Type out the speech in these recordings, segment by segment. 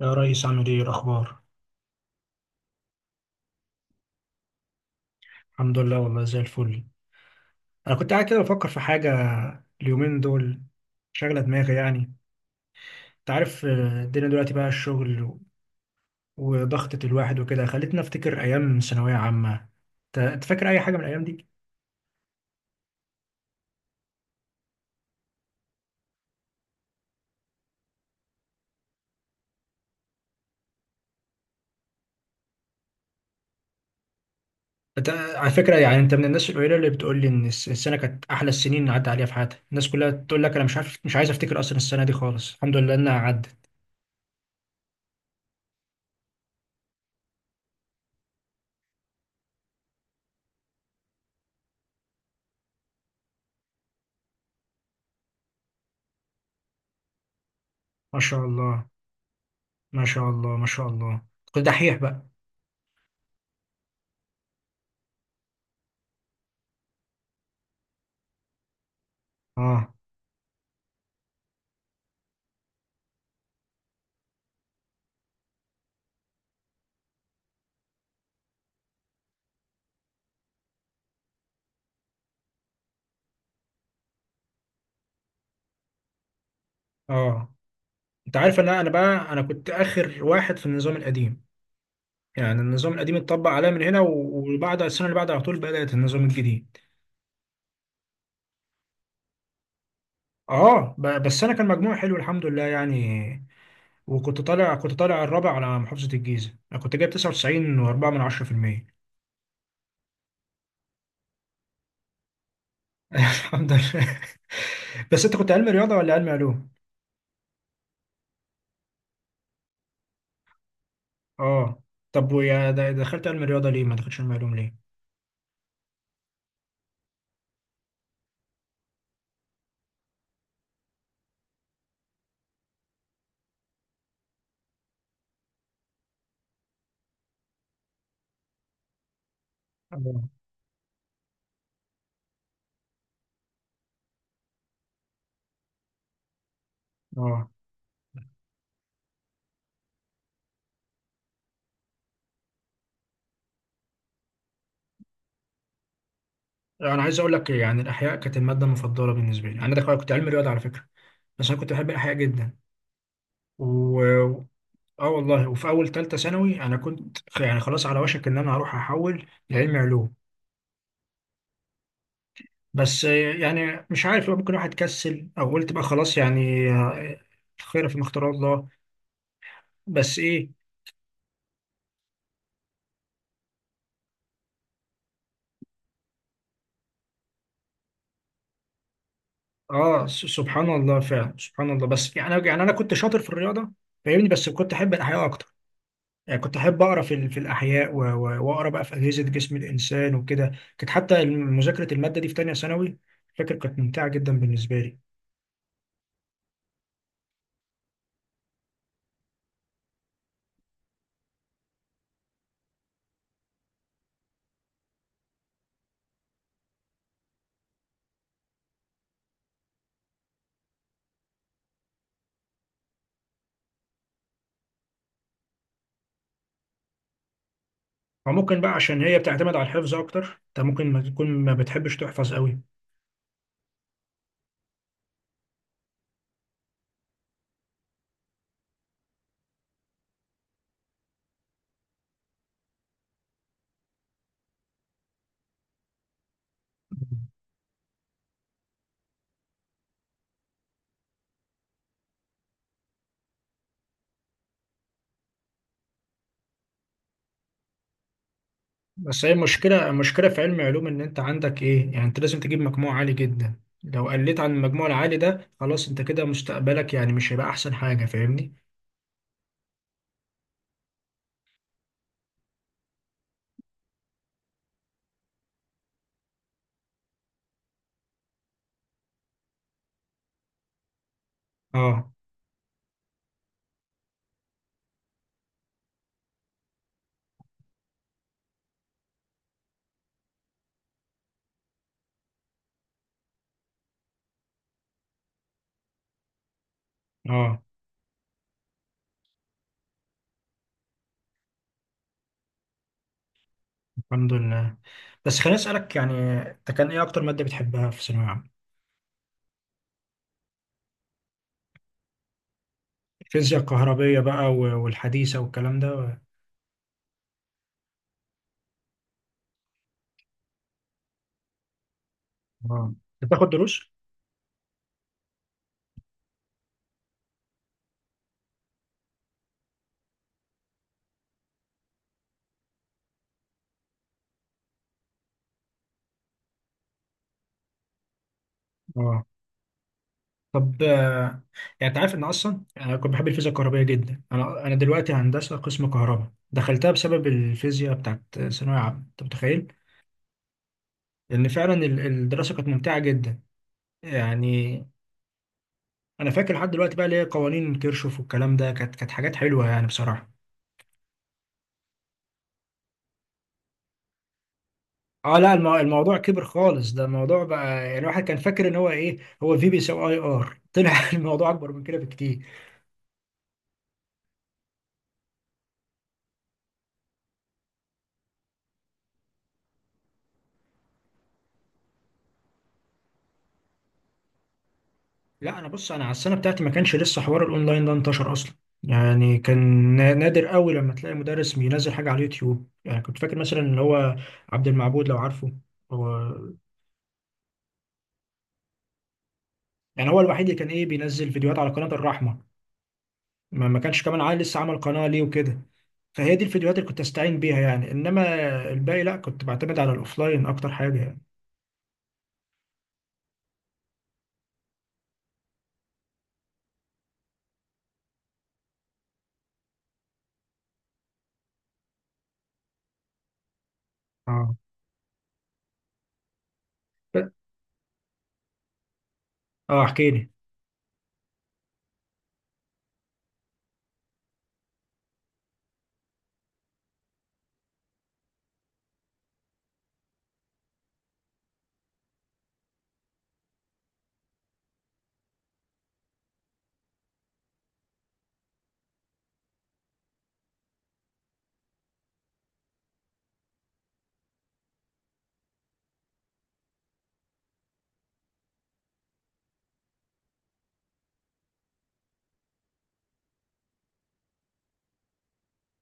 يا ريس، عامل ايه الاخبار؟ الحمد لله، والله زي الفل. انا كنت قاعد كده بفكر في حاجه اليومين دول، شاغله دماغي يعني. انت عارف، الدنيا دلوقتي بقى الشغل وضغطة الواحد وكده خلتني افتكر ايام ثانويه عامه. انت فاكر اي حاجه من الايام دي؟ انت على فكره يعني انت من الناس القليله اللي بتقول لي ان السنه كانت احلى السنين اللي عدى عليها في حياتي. الناس كلها تقول لك انا مش عارف، مش عايز افتكر اصلا السنه دي خالص، الحمد لله انها عدت. ما شاء الله، ما شاء الله، ما شاء الله. كنت دحيح بقى. اه، اه، انت عارف ان انا بقى انا كنت اخر واحد في النظام القديم. يعني النظام القديم اتطبق عليا من هنا وبعد السنه اللي بعدها على طول بدات النظام الجديد. اه، بس انا كان مجموع حلو الحمد لله يعني. وكنت طالع الرابع على محافظه الجيزه، انا كنت جايب 99.4 من 10%. الحمد لله. بس انت كنت علم رياضه ولا علم علوم؟ اه طب ويا دخلت علم رياضه ليه؟ ما دخلتش علم علوم ليه؟ اه، اه، انا عايز اقول لك يعني الاحياء كانت الماده المفضله بالنسبه لي. انا دخلت كنت علم رياضه على فكره، بس انا كنت بحب الاحياء جدا، و اه والله. وفي اول ثالثه ثانوي انا كنت يعني خلاص على وشك ان انا هروح احول لعلمي علوم، بس يعني مش عارف بقى، ممكن واحد كسل او قلت بقى خلاص يعني، الخير في اختار الله. بس ايه، اه، سبحان الله، فعلا سبحان الله. بس يعني يعني انا كنت شاطر في الرياضه فاهمني، بس كنت احب الاحياء اكتر. يعني كنت احب اقرا في الاحياء، واقرا بقى في اجهزه جسم الانسان وكده. كانت حتى مذاكره الماده دي في ثانيه ثانوي فاكر كانت ممتعه جدا بالنسبه لي. فممكن بقى عشان هي بتعتمد على الحفظ اكتر، انت ممكن ما تكون ما بتحبش تحفظ قوي. بس هي المشكله في علم علوم ان انت عندك ايه يعني، انت لازم تجيب مجموع عالي جدا، لو قلت عن المجموع العالي ده خلاص انت كده مستقبلك يعني مش هيبقى احسن حاجه فاهمني. اه، اه، الحمد لله. بس خليني اسالك يعني، انت كان ايه اكتر ماده بتحبها في ثانويه عامه؟ الفيزياء الكهربيه بقى والحديثه والكلام ده اه، بتاخد دروس؟ اه طب، يعني انت عارف ان اصلا انا كنت بحب الفيزياء الكهربائيه جدا. انا دلوقتي هندسه قسم كهرباء، دخلتها بسبب الفيزياء بتاعت ثانويه عامه، انت متخيل؟ ان فعلا الدراسه كانت ممتعه جدا يعني. انا فاكر لحد دلوقتي بقى ليه قوانين كيرشوف والكلام ده كانت حاجات حلوه يعني بصراحه. اه لا، الموضوع كبر خالص، ده الموضوع بقى يعني الواحد كان فاكر ان هو ايه، هو في بيساوي اي ار طلع الموضوع اكبر من كده بكتير. لا انا بص، انا على السنه بتاعتي ما كانش لسه حوار الاونلاين ده انتشر اصلا. يعني كان نادر قوي لما تلاقي مدرس بينزل حاجه على اليوتيوب. يعني كنت فاكر مثلا اللي هو عبد المعبود، لو عارفه. هو يعني هو الوحيد اللي كان ايه بينزل فيديوهات على قناه الرحمه. ما كانش كمان عيل لسه عمل قناه ليه وكده. فهي دي الفيديوهات اللي كنت استعين بيها يعني، انما الباقي لا، كنت بعتمد على الاوفلاين اكتر حاجه يعني. اه، اه احكي لي.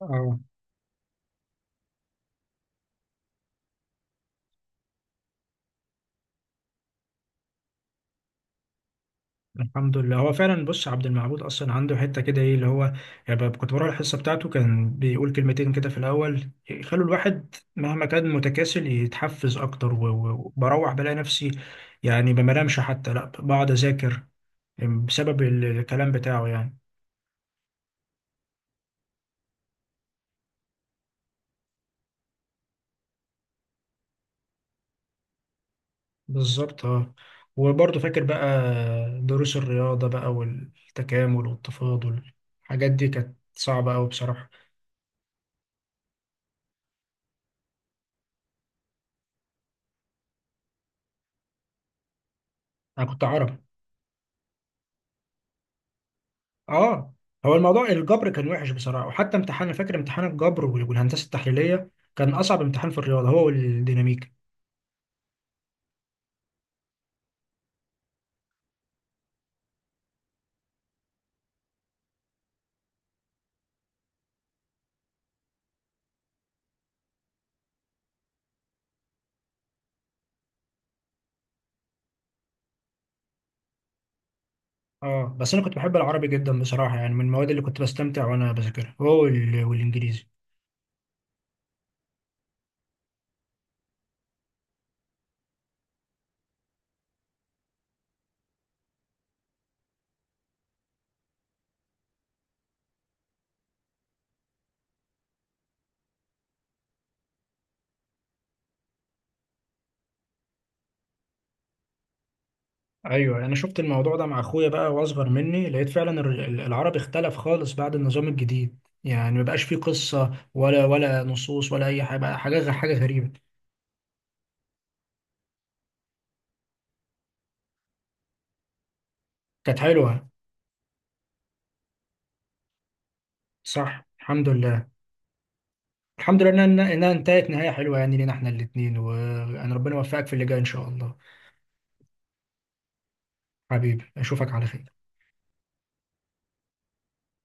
اه، الحمد لله. هو فعلا بص عبد المعبود اصلا عنده حته كده ايه اللي هو، يعني كنت بروح الحصه بتاعته كان بيقول كلمتين كده في الاول يخلوا الواحد مهما كان متكاسل يتحفز اكتر، وبروح بلاقي نفسي يعني ما بنامش حتى لا، بقعد اذاكر، بسبب الكلام بتاعه يعني. بالظبط، اه. وبرضه فاكر بقى دروس الرياضه بقى، والتكامل والتفاضل، الحاجات دي كانت صعبه قوي بصراحه. انا كنت عربي. اه، هو الموضوع الجبر كان وحش بصراحه، وحتى امتحان، أنا فاكر امتحان الجبر والهندسه التحليليه كان اصعب امتحان في الرياضه، هو والديناميكا. اه، بس انا كنت بحب العربي جدا بصراحه يعني، من المواد اللي كنت بستمتع وانا بذاكرها هو والانجليزي. ايوه، انا شفت الموضوع ده مع اخويا بقى واصغر مني لقيت فعلا العربي اختلف خالص بعد النظام الجديد، يعني مبقاش فيه قصه ولا نصوص ولا اي حاجه، بقى حاجه غريبه. كانت حلوه. صح الحمد لله. الحمد لله انها انتهت نهايه حلوه يعني، لينا احنا الاثنين، وانا ربنا يوفقك في اللي جاي ان شاء الله. حبيبي اشوفك على خير.